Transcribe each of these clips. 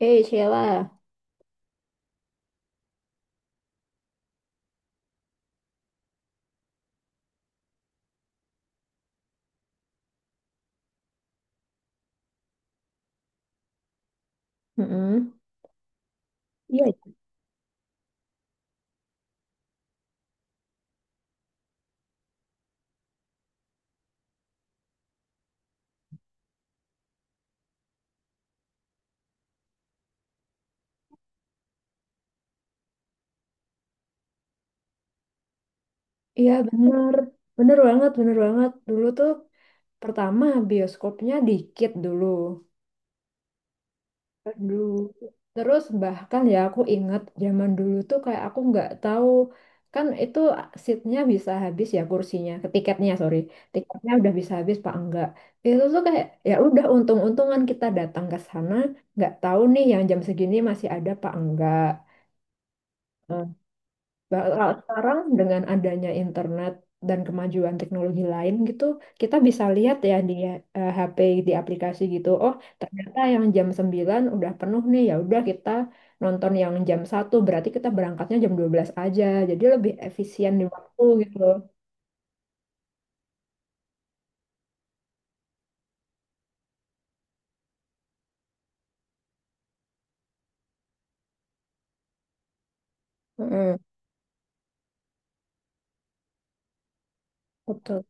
Eh, Sheila. Mm-mm. Iya, iya bener. Bener banget, bener banget. Dulu tuh pertama bioskopnya dikit dulu. Aduh. Terus bahkan ya aku inget zaman dulu tuh kayak aku nggak tahu, kan itu seatnya bisa habis ya, kursinya, ke tiketnya sorry, tiketnya udah bisa habis pak enggak. Itu tuh kayak ya udah untung-untungan kita datang ke sana, nggak tahu nih yang jam segini masih ada pak enggak. Bakal sekarang dengan adanya internet dan kemajuan teknologi lain gitu, kita bisa lihat ya di HP, di aplikasi gitu. Oh, ternyata yang jam 9 udah penuh nih. Ya udah kita nonton yang jam 1, berarti kita berangkatnya jam 12 aja. Jadi lebih efisien di waktu gitu. Mm, betul.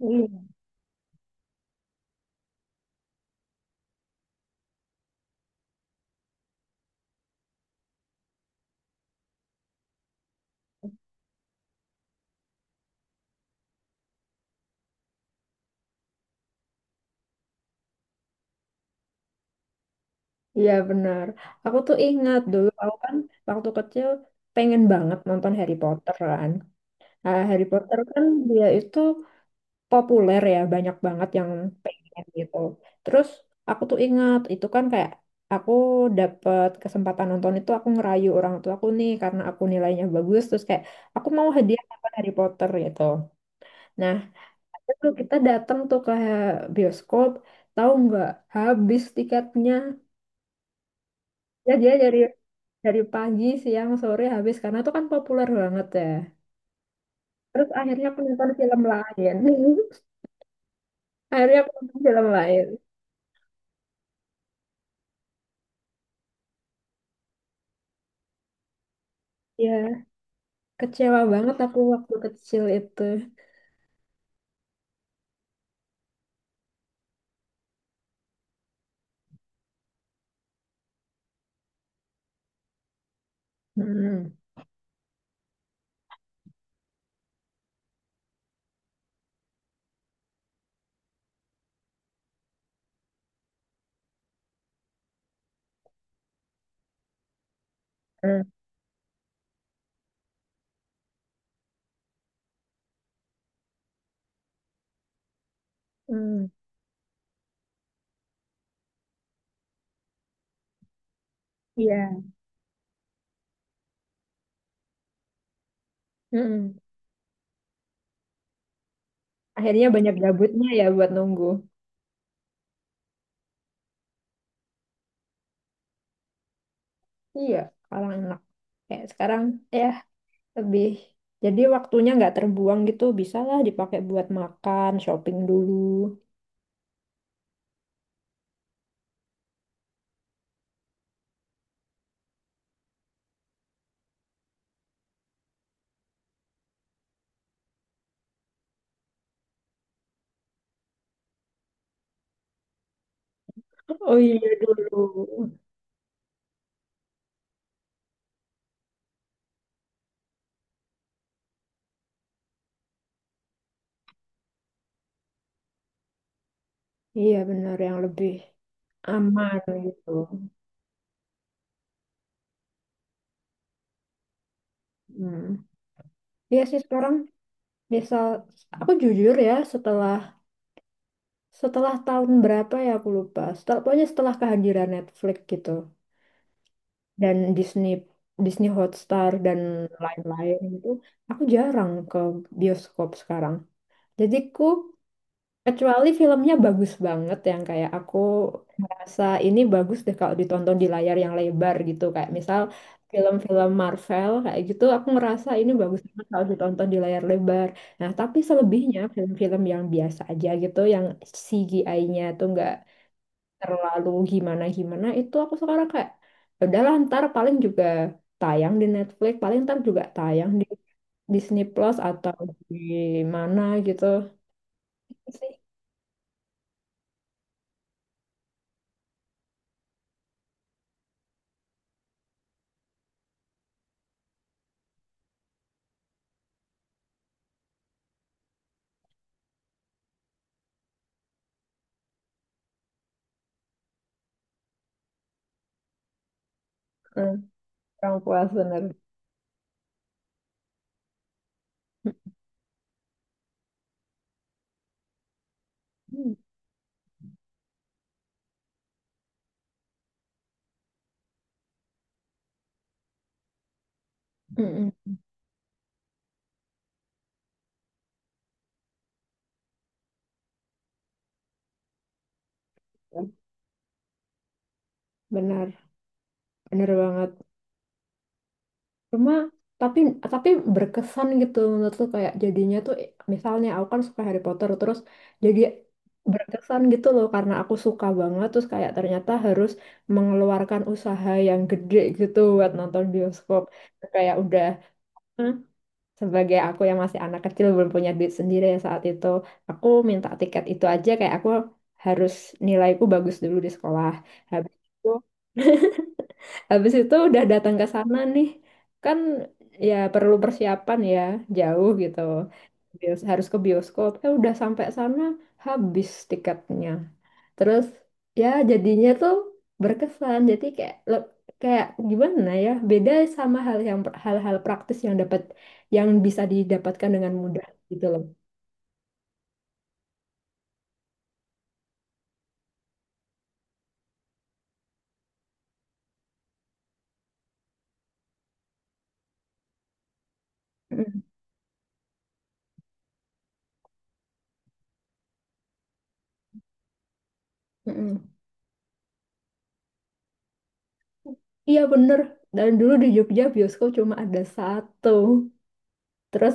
Iya, iya, benar. Aku tuh ingat dulu aku kan waktu kecil pengen banget nonton Harry Potter kan. Nah, Harry Potter kan dia itu populer ya, banyak banget yang pengen gitu. Terus aku tuh ingat itu kan kayak aku dapet kesempatan nonton itu. Aku ngerayu orang tua aku nih karena aku nilainya bagus, terus kayak aku mau hadiah nonton Harry Potter gitu. Nah, ada tuh, kita datang tuh ke bioskop, tahu nggak, habis tiketnya. Ya, dia dari pagi siang sore habis karena itu kan populer banget ya. Terus akhirnya aku nonton film lain akhirnya aku nonton film lain, ya. Kecewa banget aku waktu kecil itu. Mm-mm. Mm. Mm. Iya. Mm-mm. Akhirnya banyak gabutnya ya buat nunggu. Iya, sekarang enak. Kayak sekarang ya, lebih. Jadi waktunya nggak terbuang gitu. Bisalah dipakai buat makan, shopping dulu. Oh iya dulu. Iya benar, yang lebih aman gitu. Hmm. Iya sih sekarang, misal aku jujur ya, setelah Setelah tahun berapa ya aku lupa. Setelah, pokoknya setelah kehadiran Netflix gitu dan Disney Disney Hotstar dan lain-lain itu, aku jarang ke bioskop sekarang. Jadi kecuali filmnya bagus banget, yang kayak aku merasa ini bagus deh kalau ditonton di layar yang lebar gitu, kayak misal film-film Marvel kayak gitu, aku ngerasa ini bagus banget kalau ditonton di layar lebar. Nah, tapi selebihnya film-film yang biasa aja gitu, yang CGI-nya tuh nggak terlalu gimana-gimana, itu aku sekarang kayak, "Ya udahlah ntar paling juga tayang di Netflix, paling ntar juga tayang di Disney Plus atau di mana gitu sih." Hmm, kurang puas bener. Mm-mm. Benar, bener banget. Cuma tapi tapi berkesan gitu menurut lu, kayak jadinya tuh, misalnya aku kan suka Harry Potter terus, jadi berkesan gitu loh, karena aku suka banget terus kayak ternyata harus mengeluarkan usaha yang gede gitu buat nonton bioskop, kayak udah, hmm, sebagai aku yang masih anak kecil belum punya duit sendiri ya saat itu, aku minta tiket itu aja kayak aku harus, nilaiku bagus dulu di sekolah, habis itu, habis itu udah datang ke sana nih, kan ya perlu persiapan ya, jauh gitu. Harus ke bioskop. Eh, udah sampai sana, habis tiketnya. Terus ya jadinya tuh berkesan. Jadi kayak le-, gimana ya? Beda sama hal yang, hal-hal praktis yang dapat yang bisa didapatkan dengan mudah gitu loh. Mm, mm. Iya bener. Dan dulu di Jogja bioskop cuma ada satu. Terus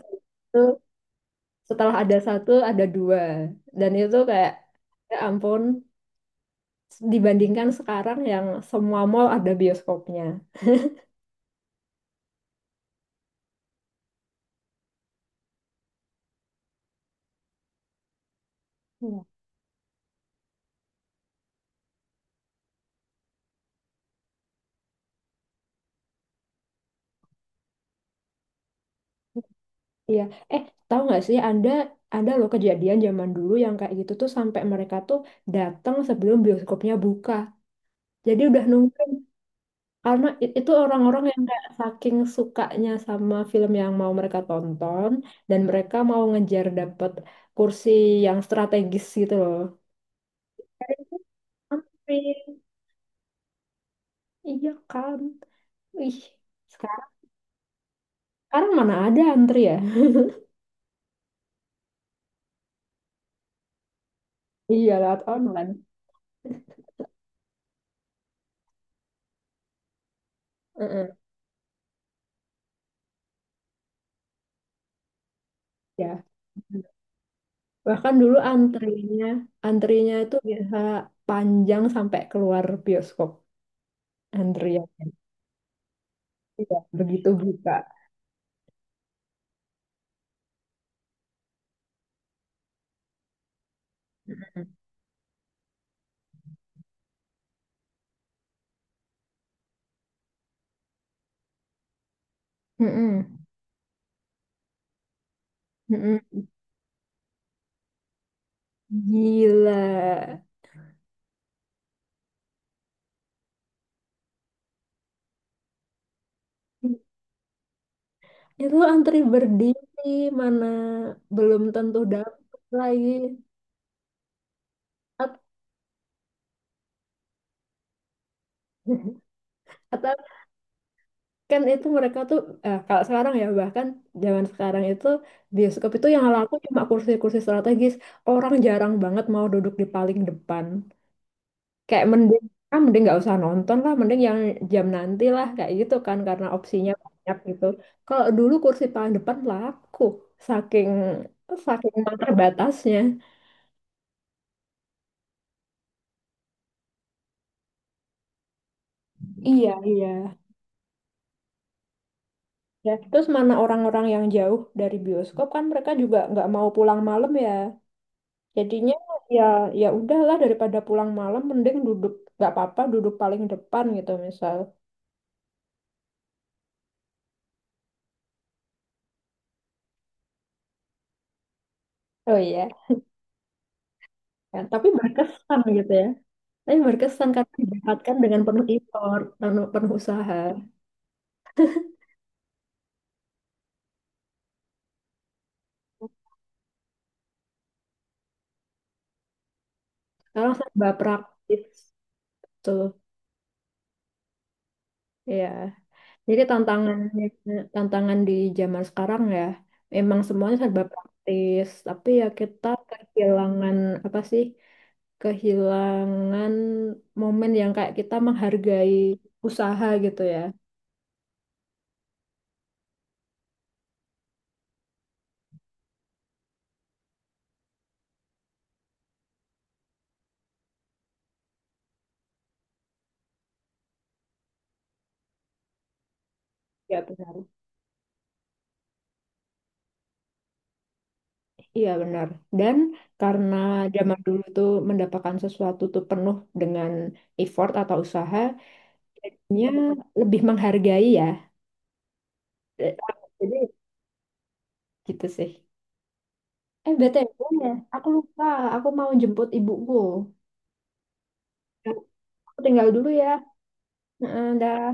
setelah ada satu ada dua, dan itu kayak ya ampun dibandingkan sekarang yang semua mall ada bioskopnya. Iya. Iya, eh tahu nggak sih anda, ada loh kejadian zaman dulu yang kayak gitu tuh sampai mereka tuh datang sebelum bioskopnya buka, jadi udah nungguin, karena itu orang-orang yang kayak saking sukanya sama film yang mau mereka tonton, dan mereka mau ngejar dapet kursi yang strategis gitu loh. Antri. Iya kan? Wih, sekarang sekarang mana ada antri ya? Iya, lewat online. Heeh, ya. Bahkan dulu antrinya itu bisa panjang sampai keluar bioskop antriannya. Iya, begitu buka. Mm-mm. Gila. Itu antri berdiri, mana belum tentu dapat lagi. At- Atau kan itu mereka tuh, kalau sekarang ya bahkan zaman sekarang itu, bioskop itu yang laku cuma kursi-kursi strategis, orang jarang banget mau duduk di paling depan, kayak mending nggak usah nonton lah, mending yang jam nanti lah, kayak gitu kan karena opsinya banyak gitu. Kalau dulu kursi paling depan laku, saking saking terbatasnya. Iya, iya. Ya, terus mana orang-orang yang jauh dari bioskop kan mereka juga nggak mau pulang malam ya. Jadinya ya ya udahlah, daripada pulang malam mending duduk nggak apa-apa duduk paling depan gitu misal. Oh iya. Ya, tapi berkesan gitu ya. Tapi berkesan karena didapatkan dengan penuh effort, penuh, penuh usaha. Sekarang serba praktis tuh. Ya. Jadi tantangan di zaman sekarang ya, memang semuanya serba praktis, tapi ya kita kehilangan, apa sih, kehilangan momen yang kayak kita menghargai usaha gitu ya. Ya benar. Iya benar. Dan karena zaman dulu tuh mendapatkan sesuatu tuh penuh dengan effort atau usaha, jadinya lebih menghargai ya. Jadi gitu sih. Eh, BTW ya aku lupa. Aku mau jemput ibuku. Ya, aku tinggal dulu ya. Heeh, dah.